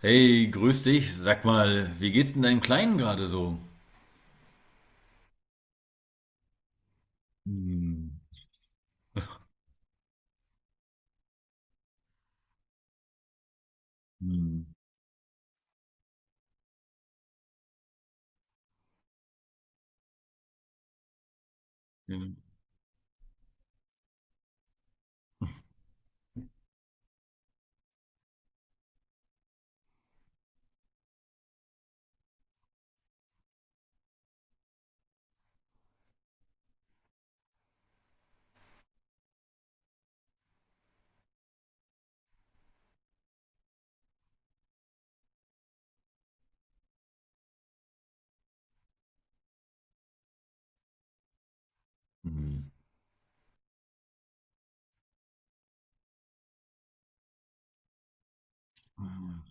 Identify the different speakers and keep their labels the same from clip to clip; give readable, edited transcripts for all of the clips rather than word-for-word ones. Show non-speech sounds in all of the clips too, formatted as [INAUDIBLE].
Speaker 1: Hey, grüß dich. Sag mal, wie geht's denn deinem Kleinen gerade so? Hm. Hm. Ja. Hm. Ah.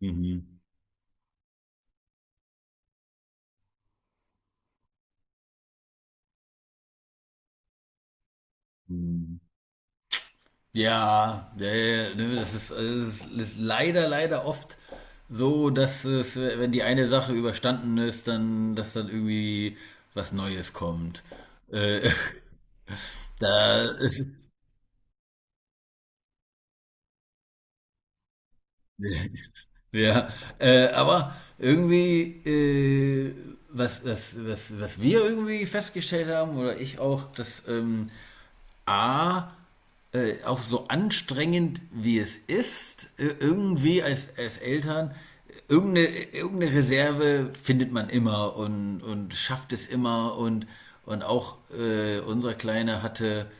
Speaker 1: Mhm. Hm. Ja, ja, ja, ne, das ist, es ist leider, leider oft so, dass es, wenn die eine Sache überstanden ist, dann, dass dann irgendwie was Neues kommt. Äh, [LAUGHS] da ist, ja, aber irgendwie, was wir irgendwie festgestellt haben, oder ich auch, dass A, auch so anstrengend wie es ist, irgendwie als Eltern, irgendeine, irgendeine Reserve findet man immer und schafft es immer und auch unser Kleiner hatte,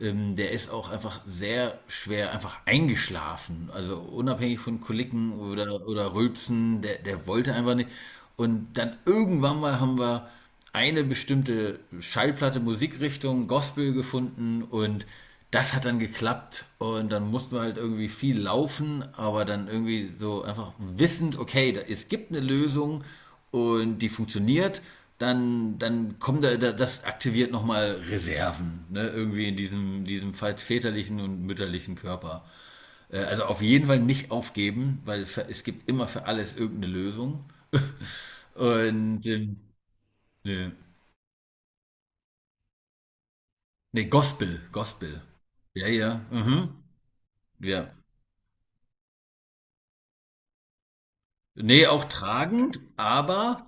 Speaker 1: der ist auch einfach sehr schwer einfach eingeschlafen, also unabhängig von Koliken oder Rülpsen, der wollte einfach nicht. Und dann irgendwann mal haben wir eine bestimmte Schallplatte, Musikrichtung, Gospel gefunden und das hat dann geklappt und dann mussten wir halt irgendwie viel laufen, aber dann irgendwie so einfach wissend, okay, es gibt eine Lösung und die funktioniert, dann kommt da, das aktiviert nochmal Reserven, ne? Irgendwie in diesem falls väterlichen und mütterlichen Körper. Also auf jeden Fall nicht aufgeben, weil es gibt immer für alles irgendeine Lösung. [LAUGHS] Und ne. Nee, Gospel, Gospel. Ja, ja. Mhm. Ja. Nee, auch tragend, aber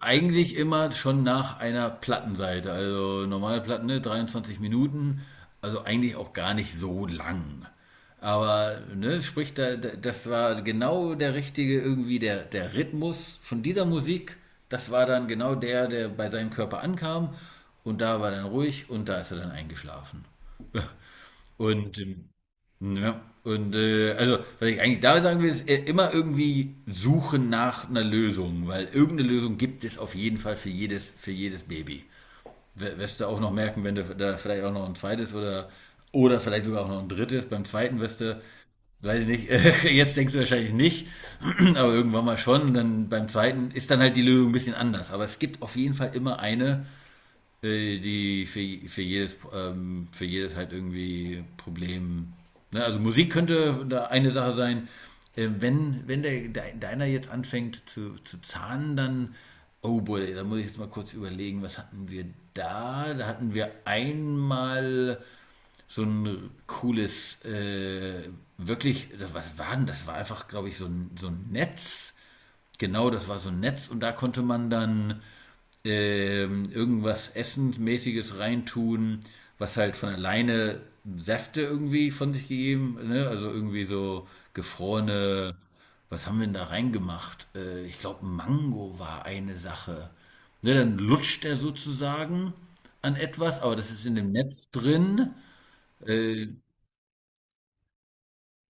Speaker 1: eigentlich immer schon nach einer Plattenseite. Also normale Platten, ne, 23 Minuten, also eigentlich auch gar nicht so lang. Aber, ne, sprich, das war genau der richtige, irgendwie der Rhythmus von dieser Musik. Das war dann genau der, der bei seinem Körper ankam. Und da war dann ruhig und da ist er dann eingeschlafen. Und ja, und also, was ich eigentlich da sagen will, ist immer irgendwie suchen nach einer Lösung, weil irgendeine Lösung gibt es auf jeden Fall für jedes Baby. Wirst du auch noch merken, wenn du da vielleicht auch noch ein zweites oder vielleicht sogar auch noch ein drittes. Beim zweiten wirst du, weiß ich nicht, [LAUGHS] jetzt denkst du wahrscheinlich nicht, [CLEARS THROAT] aber irgendwann mal schon. Und dann beim zweiten ist dann halt die Lösung ein bisschen anders. Aber es gibt auf jeden Fall immer eine, die für, jedes, für jedes halt irgendwie Problem. Ne? Also Musik könnte da eine Sache sein. Wenn deiner jetzt anfängt zu zahnen, dann. Oh boy, da muss ich jetzt mal kurz überlegen, was hatten wir da? Da hatten wir einmal so ein cooles, wirklich, was war denn das? War einfach, glaube ich, so ein Netz. Genau, das war so ein Netz und da konnte man dann irgendwas Essensmäßiges reintun, was halt von alleine Säfte irgendwie von sich gegeben, ne? Also irgendwie so gefrorene, was haben wir denn da reingemacht? Ich glaube, Mango war eine Sache. Ne, dann lutscht er sozusagen an etwas, aber das ist in dem Netz drin. Äh,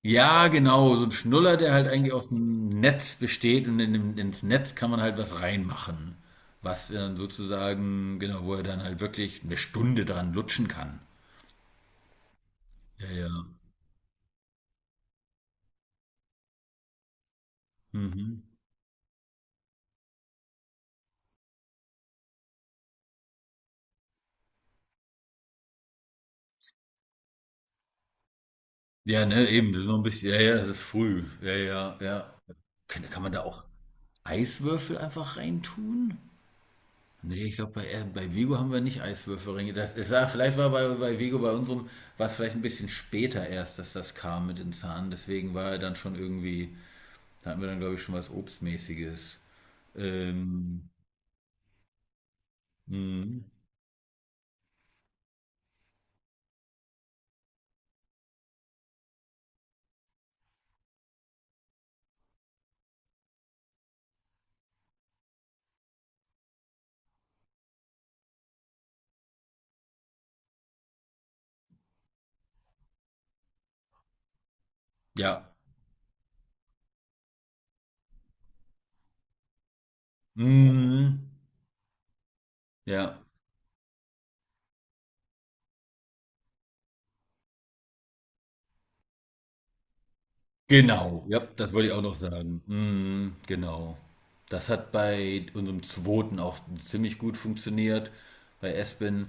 Speaker 1: ja, genau, so ein Schnuller, der halt eigentlich aus dem Netz besteht und in dem, ins Netz kann man halt was reinmachen, was dann sozusagen, genau, wo er dann halt wirklich eine Stunde dran lutschen kann. Ja, ja. Mhm. Ja, ne, eben, das ist noch ein bisschen, ja, ja, das ist früh. Ja, ja, ja. Kann man da auch Eiswürfel einfach reintun? Nee, ich glaube, bei Vigo haben wir nicht Eiswürfelringe. Das, es war, vielleicht war bei Vigo, bei unserem, war es vielleicht ein bisschen später erst, dass das kam mit den Zahnen. Deswegen war er dann schon irgendwie. Da hatten wir dann, glaube ich, schon was Obstmäßiges. Ähm, mm, ja. Mm, ja. Genau. Ja, das wollte ich auch noch sagen. Mm, genau. Das hat bei unserem zweiten auch ziemlich gut funktioniert. Bei Espen.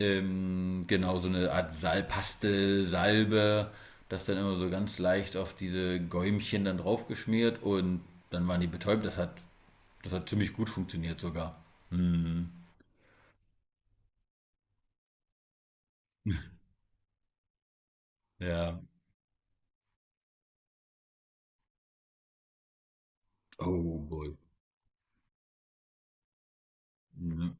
Speaker 1: Genau, so eine Art Salpaste, Salbe, das dann immer so ganz leicht auf diese Gäumchen dann draufgeschmiert und dann waren die betäubt. Das hat ziemlich gut funktioniert sogar. Mm, ja. Oh boy. Mhm.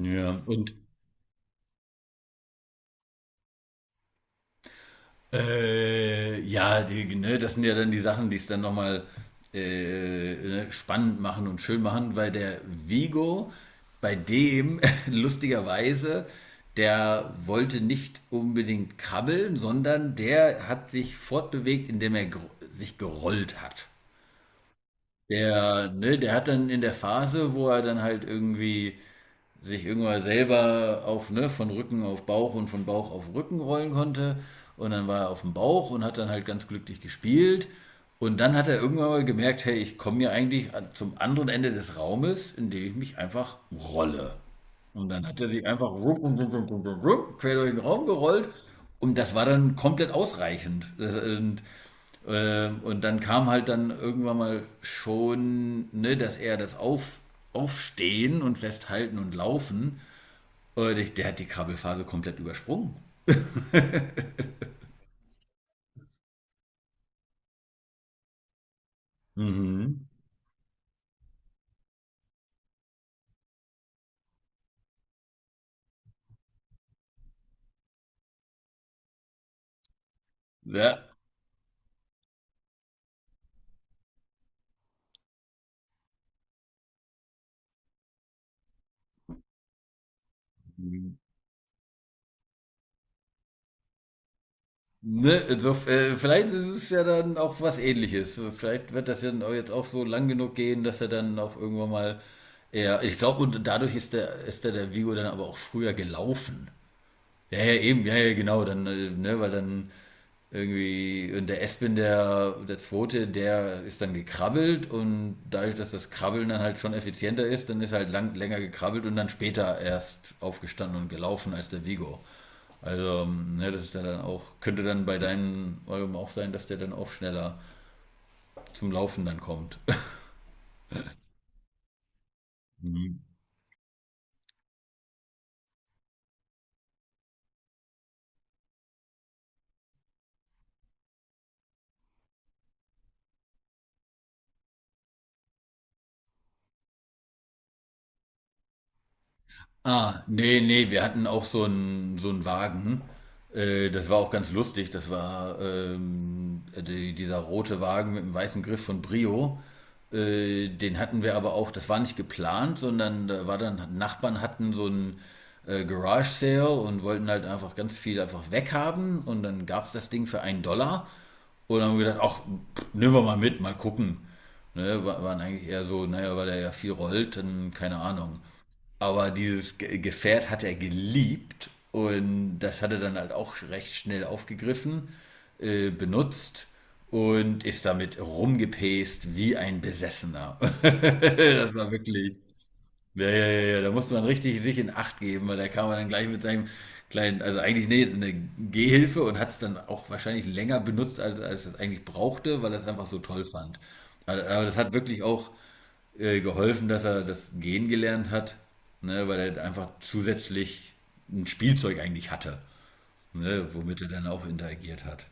Speaker 1: Ja, und ja, die, ne, das sind ja dann die Sachen, die es dann nochmal ne, spannend machen und schön machen, weil der Vigo, bei dem [LAUGHS] lustigerweise, der wollte nicht unbedingt krabbeln, sondern der hat sich fortbewegt, indem er sich gerollt hat. Der, ne, der hat dann in der Phase, wo er dann halt irgendwie sich irgendwann selber auf, ne, von Rücken auf Bauch und von Bauch auf Rücken rollen konnte. Und dann war er auf dem Bauch und hat dann halt ganz glücklich gespielt. Und dann hat er irgendwann mal gemerkt, hey, ich komme ja eigentlich zum anderen Ende des Raumes, indem ich mich einfach rolle. Und dann hat er sich einfach rup, rup, rup, rup, rup, quer durch den Raum gerollt und das war dann komplett ausreichend. Das, und dann kam halt dann irgendwann mal schon, ne, dass er das auf, Aufstehen und Festhalten und Laufen, der hat die Krabbelphase komplett übersprungen. Mhm. Ja, ne, vielleicht ist es ja dann auch was Ähnliches. Vielleicht wird das ja dann auch jetzt auch so lang genug gehen, dass er dann auch irgendwann mal eher. Ich glaube, und dadurch ist der Vigo dann aber auch früher gelaufen. Ja, ja, eben, ja, ja, genau, dann, ne, weil dann irgendwie, und der Espen, der Zweite, der ist dann gekrabbelt und dadurch, dass das Krabbeln dann halt schon effizienter ist, dann ist er halt länger gekrabbelt und dann später erst aufgestanden und gelaufen als der Vigo. Also, ne, das ist ja dann auch, könnte dann bei deinem eurem auch sein, dass der dann auch schneller zum Laufen dann kommt. [LAUGHS] Mhm. Ah, nee, nee, wir hatten auch so einen Wagen. Das war auch ganz lustig. Das war dieser rote Wagen mit dem weißen Griff von Brio. Den hatten wir aber auch, das war nicht geplant, sondern da war dann, Nachbarn hatten so einen Garage Sale und wollten halt einfach ganz viel einfach weghaben und dann gab es das Ding für 1 Dollar. Und dann haben wir gedacht, ach, nehmen wir mal mit, mal gucken. Ne, waren eigentlich eher so, naja, weil er ja viel rollt, dann keine Ahnung. Aber dieses Gefährt hat er geliebt und das hat er dann halt auch recht schnell aufgegriffen, benutzt und ist damit rumgepäst wie ein Besessener. [LAUGHS] Das war wirklich. Ja, ja, ja, ja, da musste man richtig sich in Acht geben, weil da kam er dann gleich mit seinem kleinen, also eigentlich nee, eine Gehhilfe und hat es dann auch wahrscheinlich länger benutzt, als, als es eigentlich brauchte, weil er es einfach so toll fand. Aber das hat wirklich auch geholfen, dass er das Gehen gelernt hat, ne, weil er einfach zusätzlich ein Spielzeug eigentlich hatte, ne, womit er dann auch interagiert hat.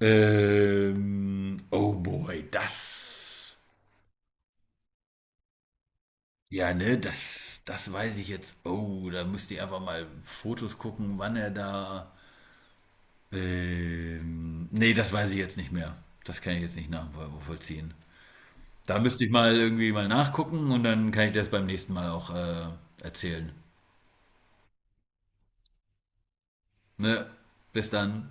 Speaker 1: Oh boy, das. Ja, ne, das weiß ich jetzt. Oh, da müsst ihr einfach mal Fotos gucken, wann er da. Nee, das weiß ich jetzt nicht mehr. Das kann ich jetzt nicht nachvollziehen. Da müsste ich mal irgendwie mal nachgucken und dann kann ich das beim nächsten Mal auch erzählen. Ne? Bis dann.